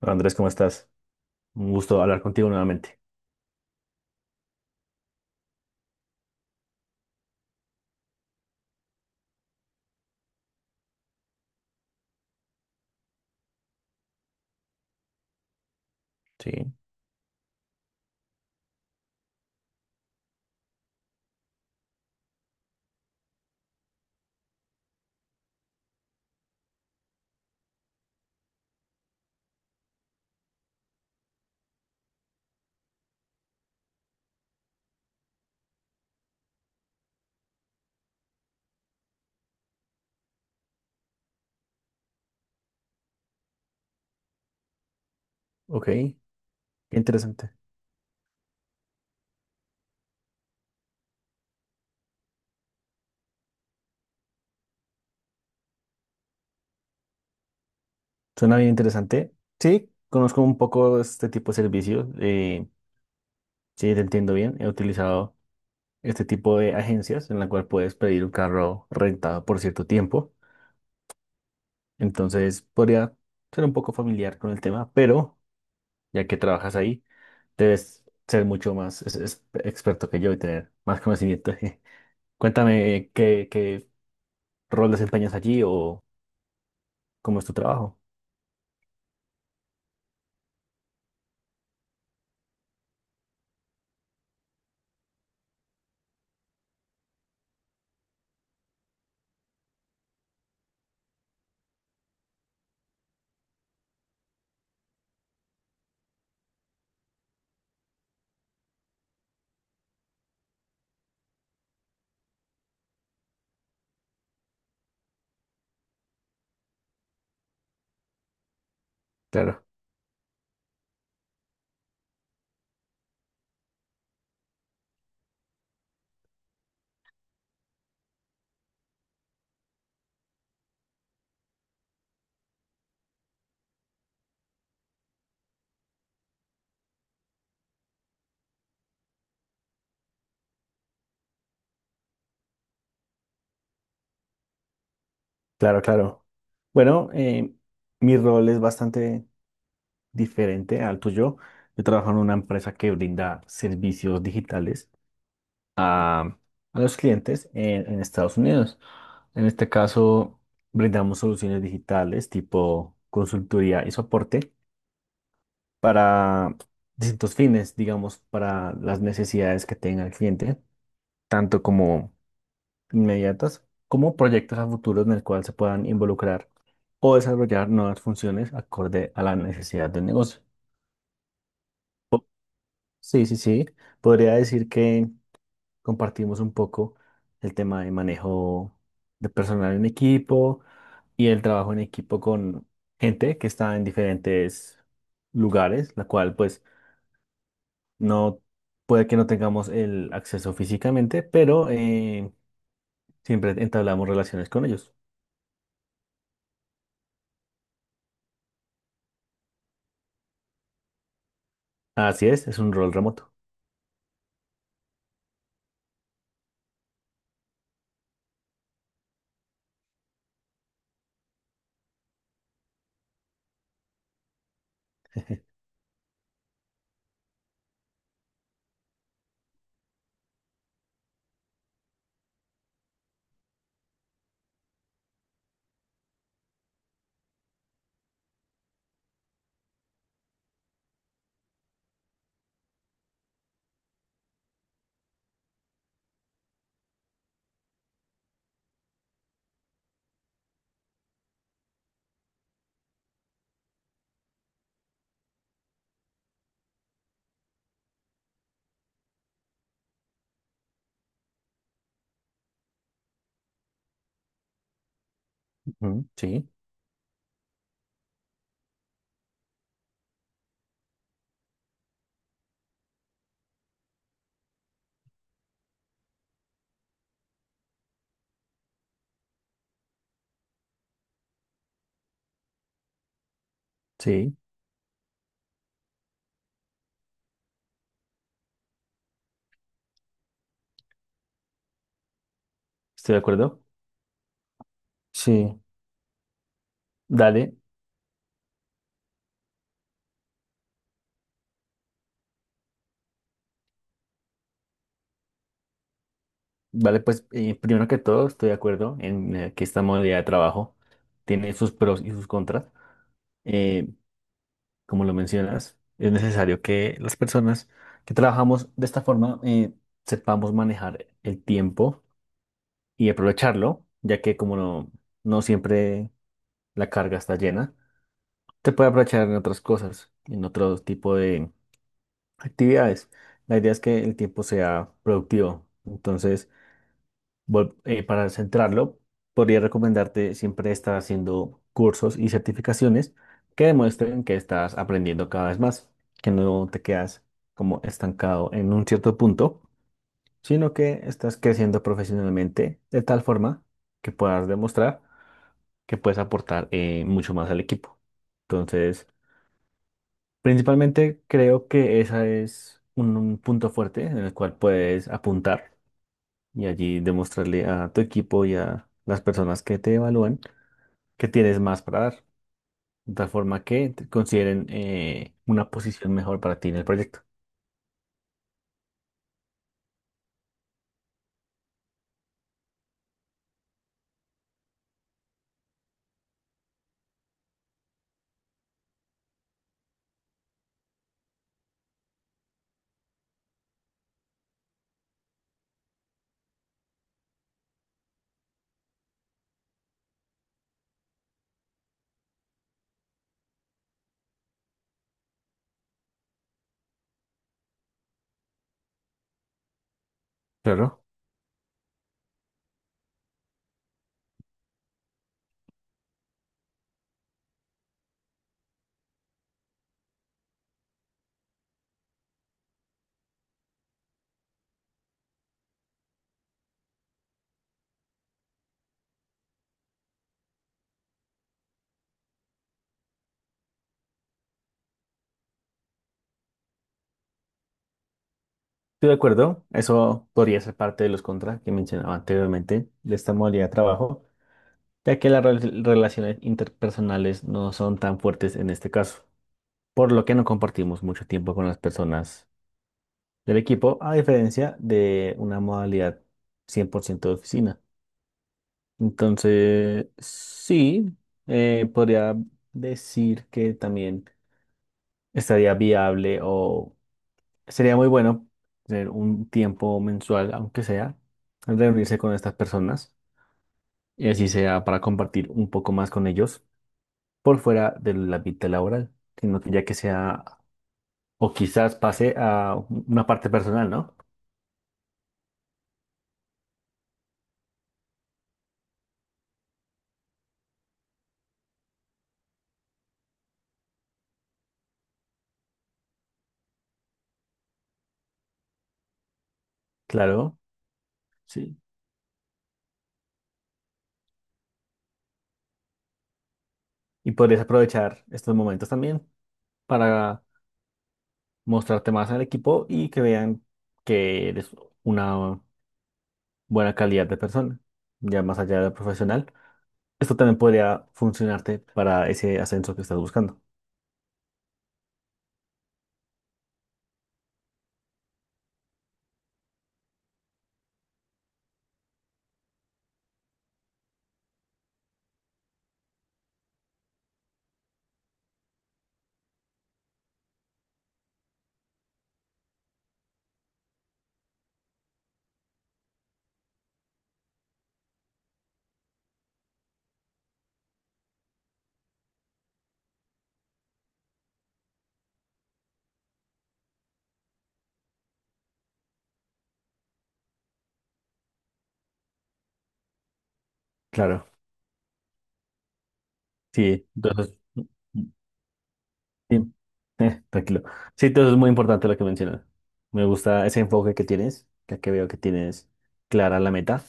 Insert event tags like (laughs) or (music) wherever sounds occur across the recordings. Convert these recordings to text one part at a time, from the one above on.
Hola, Andrés, ¿cómo estás? Un gusto hablar contigo nuevamente. Sí, ok, qué interesante. Suena bien interesante. Sí, conozco un poco este tipo de servicios. Sí, te entiendo bien. He utilizado este tipo de agencias en la cual puedes pedir un carro rentado por cierto tiempo. Entonces, podría ser un poco familiar con el tema, pero ya que trabajas ahí, debes ser mucho más experto que yo y tener más conocimiento. (laughs) Cuéntame qué rol desempeñas allí o cómo es tu trabajo. Claro, claro, claro. Bueno, mi rol es bastante diferente al tuyo. Yo trabajo en una empresa que brinda servicios digitales a, a los clientes en Estados Unidos. En este caso, brindamos soluciones digitales tipo consultoría y soporte para distintos fines, digamos, para las necesidades que tenga el cliente, tanto como inmediatas como proyectos a futuro en el cual se puedan involucrar o desarrollar nuevas funciones acorde a la necesidad del negocio. Sí, sí, sí. Podría decir que compartimos un poco el tema de manejo de personal en equipo y el trabajo en equipo con gente que está en diferentes lugares, la cual pues no puede que no tengamos el acceso físicamente, pero siempre entablamos relaciones con ellos. Así es un rol remoto. (laughs) Ujú, sí, sí, estoy de acuerdo. Sí, dale. Vale, pues primero que todo estoy de acuerdo en que esta modalidad de trabajo tiene sus pros y sus contras. Eh, Como lo mencionas, es necesario que las personas que trabajamos de esta forma sepamos manejar el tiempo y aprovecharlo, ya que como no, no siempre la carga está llena, te puede aprovechar en otras cosas, en otro tipo de actividades. La idea es que el tiempo sea productivo. Entonces, bueno, para centrarlo, podría recomendarte siempre estar haciendo cursos y certificaciones que demuestren que estás aprendiendo cada vez más, que no te quedas como estancado en un cierto punto, sino que estás creciendo profesionalmente de tal forma que puedas demostrar que puedes aportar mucho más al equipo. Entonces, principalmente creo que ese es un punto fuerte en el cual puedes apuntar y allí demostrarle a tu equipo y a las personas que te evalúan que tienes más para dar, de tal forma que te consideren una posición mejor para ti en el proyecto. Claro, estoy de acuerdo. Eso podría ser parte de los contras que mencionaba anteriormente de esta modalidad de trabajo, ya que las relaciones interpersonales no son tan fuertes en este caso, por lo que no compartimos mucho tiempo con las personas del equipo, a diferencia de una modalidad 100% de oficina. Entonces, sí, podría decir que también estaría viable o sería muy bueno tener un tiempo mensual, aunque sea, reunirse con estas personas y así sea para compartir un poco más con ellos por fuera de la vida laboral, sino que ya que sea o quizás pase a una parte personal, ¿no? Claro, sí. Y podrías aprovechar estos momentos también para mostrarte más al equipo y que vean que eres una buena calidad de persona, ya más allá de profesional. Esto también podría funcionarte para ese ascenso que estás buscando. Claro, sí, entonces, sí, tranquilo. Sí, entonces es muy importante lo que mencionas. Me gusta ese enfoque que tienes, ya que veo que tienes clara la meta.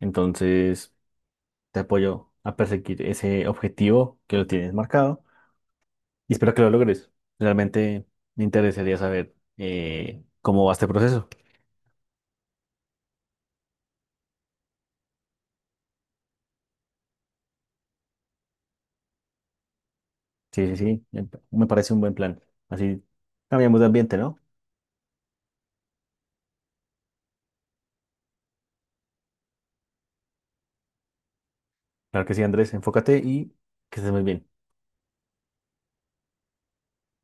Entonces, te apoyo a perseguir ese objetivo que lo tienes marcado y espero que lo logres. Realmente me interesaría saber cómo va este proceso. Sí, sí, sí. Me parece un buen plan. Así cambiamos de ambiente, ¿no? Claro que sí, Andrés. Enfócate y que estés muy bien.